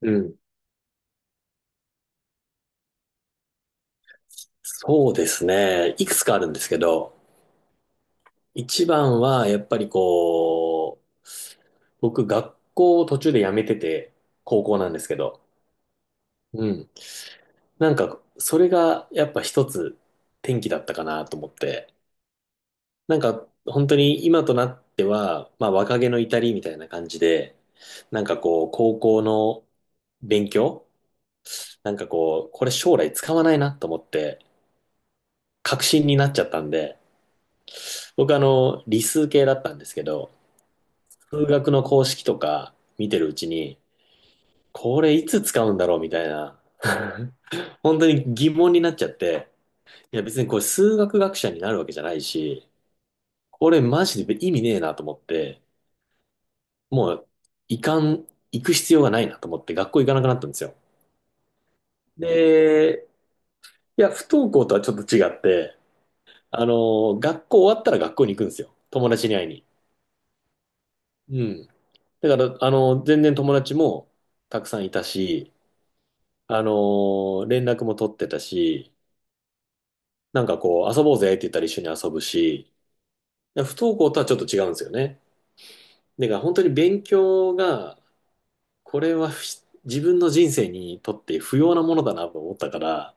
うん。そうですね。いくつかあるんですけど、一番はやっぱりこう、僕学校を途中で辞めてて、高校なんですけど、うん。それがやっぱ一つ転機だったかなと思って、本当に今となっては、まあ若気の至りみたいな感じで、高校の勉強、これ将来使わないなと思って、確信になっちゃったんで、僕理数系だったんですけど、数学の公式とか見てるうちに、これいつ使うんだろうみたいな、本当に疑問になっちゃって、いや別にこれ数学学者になるわけじゃないし、これマジで意味ねえなと思って、もう、いかん、行く必要がないなと思って学校行かなくなったんですよ。で、いや、不登校とはちょっと違って、あの、学校終わったら学校に行くんですよ。友達に会いに。うん。だから、あの、全然友達もたくさんいたし、連絡も取ってたし、遊ぼうぜって言ったら一緒に遊ぶし、だから不登校とはちょっと違うんですよね。だから本当に勉強が、これはひ自分の人生にとって不要なものだなと思ったから、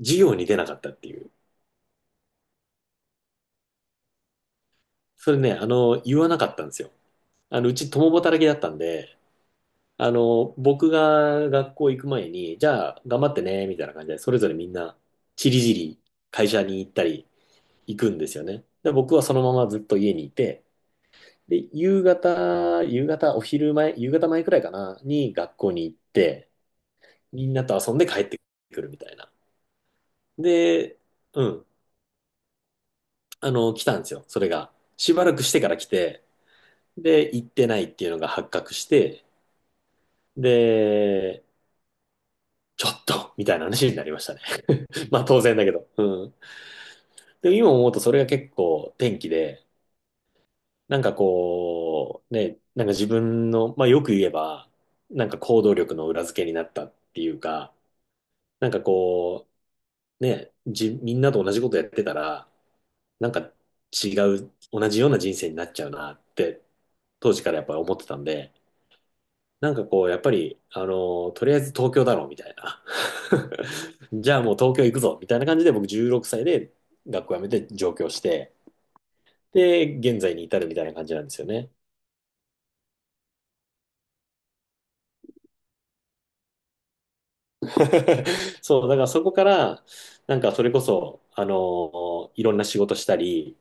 授業に出なかったっていう。それね、あの、言わなかったんですよ。あの、うち共働きだったんで、あの、僕が学校行く前に、じゃあ頑張ってね、みたいな感じで、それぞれみんな、ちりぢり会社に行ったり行くんですよね。で、僕はそのままずっと家にいて、で、夕方、夕方、お昼前、夕方前くらいかな、に学校に行って、みんなと遊んで帰ってくるみたいな。で、うん、あの、来たんですよ、それが。しばらくしてから来て、で、行ってないっていうのが発覚して、で、ちょっとみたいな話になりましたね。まあ当然だけど。うん。でも今思うとそれが結構転機で、ね、なんか自分の、まあよく言えば、なんか行動力の裏付けになったっていうか、なんかこみんなと同じことやってたら、なんか違う、同じような人生になっちゃうなって、当時からやっぱり思ってたんで、やっぱり、あの、とりあえず東京だろうみたいな。じゃあもう東京行くぞみたいな感じで僕16歳で学校辞めて上京して、で、現在に至るみたいな感じなんですよね。そう、だからそこから、なんかそれこそ、あの、いろんな仕事したり、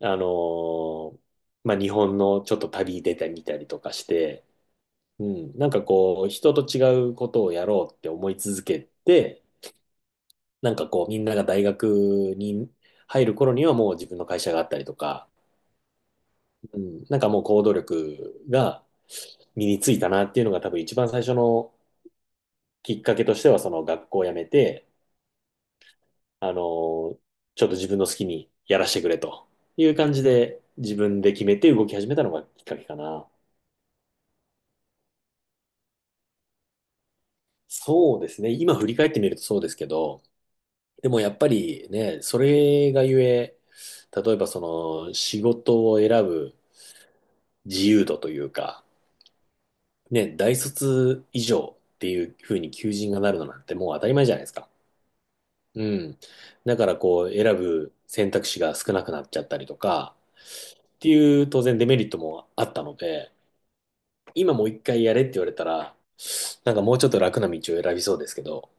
あのーまあ、日本のちょっと旅出てみたりとかして、うん、人と違うことをやろうって思い続けて、みんなが大学に入る頃にはもう自分の会社があったりとか、うん、なんかもう行動力が身についたなっていうのが多分一番最初のきっかけとしては、その学校を辞めて、あのーちょっと自分の好きにやらせてくれという感じで、自分で決めて動き始めたのがきっかけかな。そうですね。今振り返ってみるとそうですけど、でもやっぱりね、それがゆえ、例えばその仕事を選ぶ自由度というか、ね、大卒以上っていうふうに求人がなるのなんてもう当たり前じゃないですか。うん。だからこう選ぶ選択肢が少なくなっちゃったりとか、っていう当然デメリットもあったので、今もう一回やれって言われたら、なんかもうちょっと楽な道を選びそうですけど、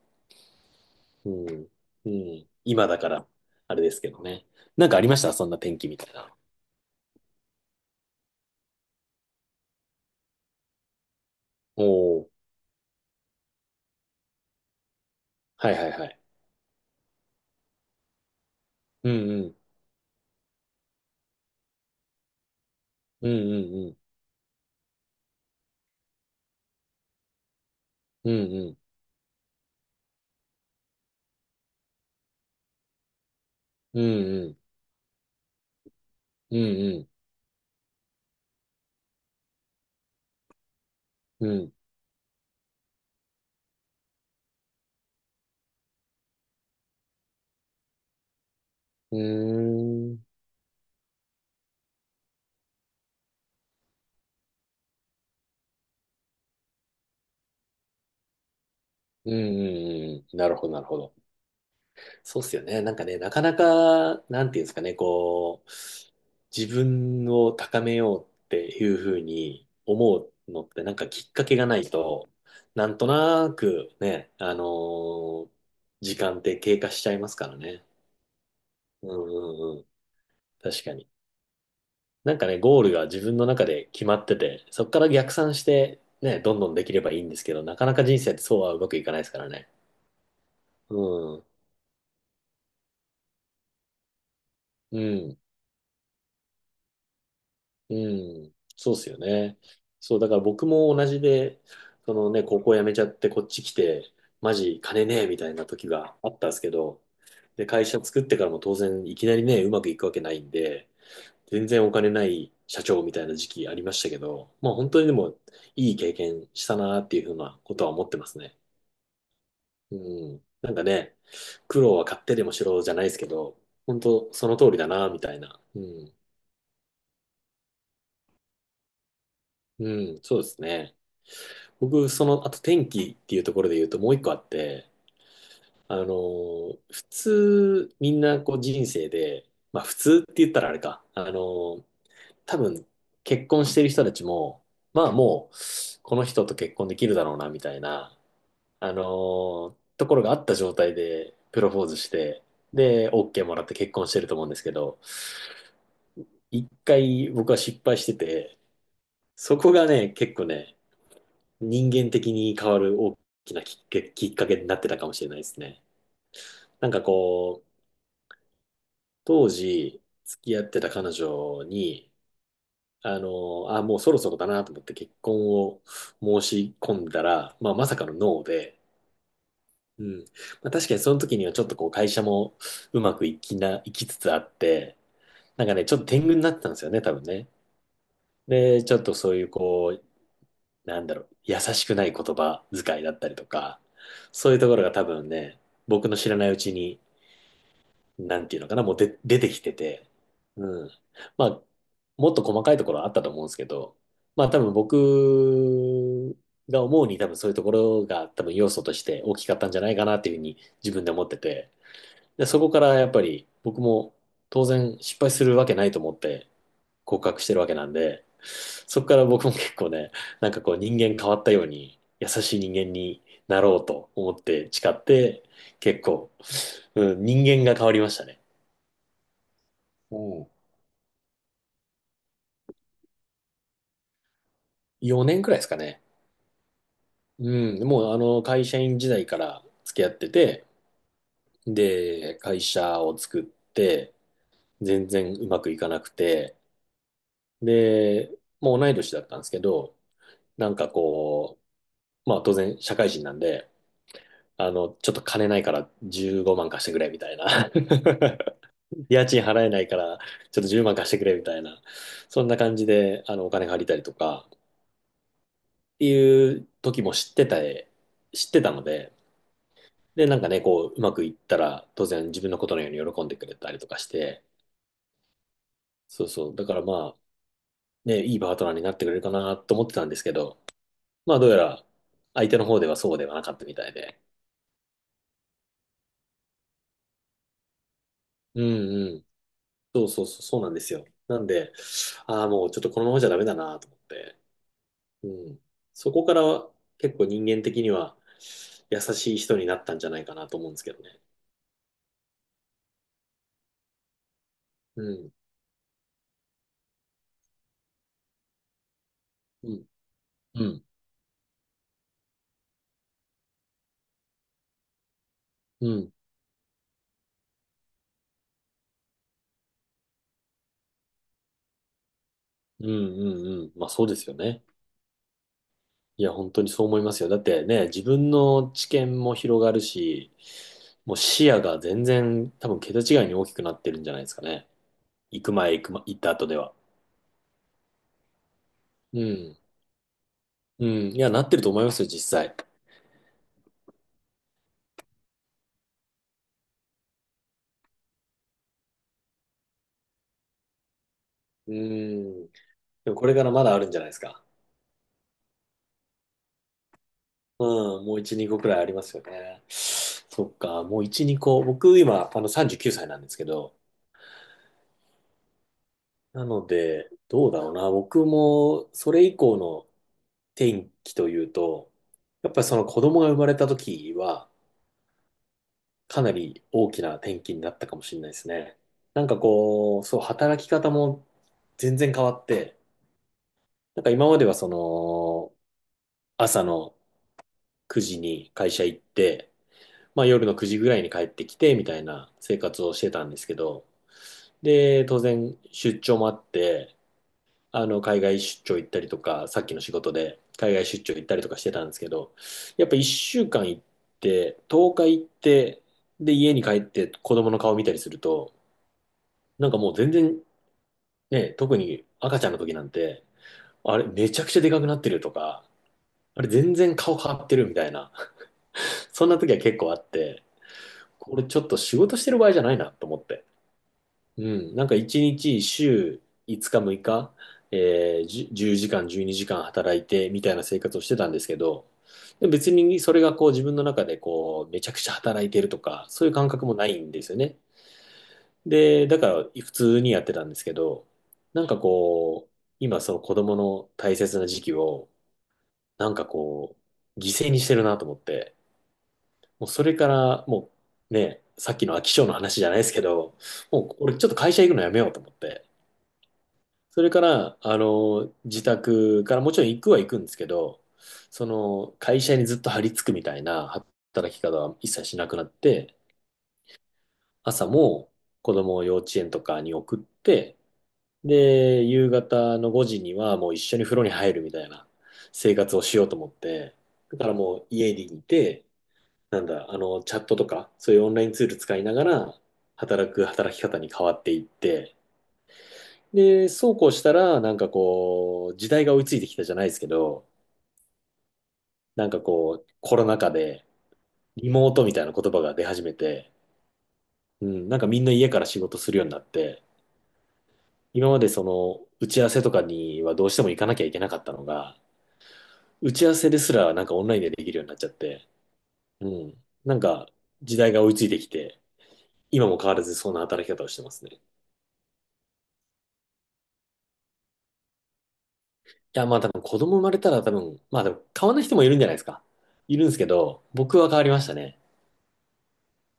うん。うん。今だから、あれですけどね。なんかありましたそんな天気みたいな。おお。はいはいはい。うんうん。うんうんうん。うんうん。うんうん。うんうん。うん。うーん。うんうんうん。なるほどなるほど。そうっすよね。なんかね、なかなか、なんていうんですかね、こう、自分を高めようっていうふうに思うのって、なんかきっかけがないと、なんとなくね、時間って経過しちゃいますからね。うんうんうん。確かに。なんかね、ゴールが自分の中で決まってて、そこから逆算して、ね、どんどんできればいいんですけど、なかなか人生ってそうはうまくいかないですからね。うん。うん。うん、そうっすよね。そう、だから僕も同じで、そのね、高校辞めちゃってこっち来て、マジ金ねえみたいな時があったんですけど、で、会社作ってからも当然いきなりね、うまくいくわけないんで、全然お金ない社長みたいな時期ありましたけど、まあ本当にでもいい経験したなっていうふうなことは思ってますね。うん。なんかね、苦労は買ってでもしろじゃないですけど、本当その通りだなみたいな。うん。うん、そうですね。僕、その、あと天気っていうところで言うともう一個あって、普通、みんなこう人生で、まあ普通って言ったらあれか、多分結婚してる人たちも、まあもう、この人と結婚できるだろうな、みたいな、ところがあった状態でプロポーズして、で、OK もらって結婚してると思うんですけど、一回僕は失敗してて、そこがね、結構ね、人間的に変わる大きなきっかけになってたかもしれないですね。なんかこう、当時付き合ってた彼女に、あの、あ、もうそろそろだなと思って結婚を申し込んだら、まあまさかのノーで、うん。まあ確かにその時にはちょっとこう会社もうまくいきな、いきつつあって、なんかね、ちょっと天狗になってたんですよね、多分ね。で、ちょっとそういうこう、なんだろう、優しくない言葉遣いだったりとか、そういうところが多分ね、僕の知らないうちに、なんていうのかな、もうで出てきてて、うん。まあ、もっと細かいところはあったと思うんですけど、まあ多分僕が思うに多分そういうところが多分要素として大きかったんじゃないかなっていうふうに自分で思ってて、で、そこからやっぱり僕も当然失敗するわけないと思って告白してるわけなんで、そこから僕も結構ね、なんかこう人間変わったように優しい人間になろうと思って誓って、結構、うん、人間が変わりましたね。おう。4年くらいですかね。うん、もうあの会社員時代から付き合ってて、で、会社を作って、全然うまくいかなくて、で、もう同い年だったんですけど、なんかこまあ当然社会人なんで、あの、ちょっと金ないから15万貸してくれみたいな。家賃払えないからちょっと10万貸してくれみたいな。そんな感じで、お金借りたりとかっていう時も知ってたので、で、なんかね、こう、うまくいったら当然自分のことのように喜んでくれたりとかして、そうそう。だからまあ、ね、いいパートナーになってくれるかなと思ってたんですけど、まあどうやら相手の方ではそうではなかったみたいで。うんうん。そうそうそう、そうなんですよ。なんで、ああ、もうちょっとこのままじゃダメだなと思って。うん。そこからは結構人間的には優しい人になったんじゃないかなと思うんですけどね。うん。うん。うん。うん。うん。うん。うん、まあそうですよね。いや、本当にそう思いますよ。だってね、自分の知見も広がるし、もう視野が全然多分桁違いに大きくなってるんじゃないですかね。行く前、行くま、行った後では。うん。うん。いや、なってると思いますよ、実際。うん。でもこれからまだあるんじゃないですか。うん、もう1、2個くらいありますよね。そっか、もう1、2個。僕今、39歳なんですけど、なので、どうだろうな。僕もそれ以降の転機というと、やっぱりその子供が生まれた時は、かなり大きな転機になったかもしれないですね。なんかこう、そう、働き方も全然変わって、なんか今まではその、朝の9時に会社行って、まあ、夜の9時ぐらいに帰ってきてみたいな生活をしてたんですけど、で、当然出張もあって、海外出張行ったりとか、さっきの仕事で海外出張行ったりとかしてたんですけど、やっぱ1週間行って、10日行って、で、家に帰って子供の顔見たりすると、なんかもう全然ね、特に赤ちゃんの時なんて、あれめちゃくちゃでかくなってるとか、あれ全然顔変わってるみたいな、そんな時は結構あって、これちょっと仕事してる場合じゃないなと思って。うん、なんか一日、週5日、6日、10時間、12時間働いてみたいな生活をしてたんですけど、でも別にそれがこう自分の中でこうめちゃくちゃ働いてるとか、そういう感覚もないんですよね。で、だから普通にやってたんですけど、なんかこう、今その子供の大切な時期を、なんかこう、犠牲にしてるなと思って、もうそれからもうね、さっきの飽き性の話じゃないですけど、もう俺ちょっと会社行くのやめようと思って、それから、自宅からもちろん行くは行くんですけど、その、会社にずっと張り付くみたいな働き方は一切しなくなって、朝も子供を幼稚園とかに送って、で、夕方の5時にはもう一緒に風呂に入るみたいな生活をしようと思って、だからもう家にいて、なんだ、チャットとか、そういうオンラインツール使いながら、働き方に変わっていって、で、そうこうしたら、なんかこう、時代が追いついてきたじゃないですけど、なんかこう、コロナ禍で、リモートみたいな言葉が出始めて、うん、なんかみんな家から仕事するようになって、今までその、打ち合わせとかにはどうしても行かなきゃいけなかったのが、打ち合わせですらなんかオンラインでできるようになっちゃって、うん、なんか時代が追いついてきて、今も変わらずそんな働き方をしてますね。いや、まあ多分子供生まれたら多分、まあでも変わらない人もいるんじゃないですか。いるんですけど、僕は変わりましたね。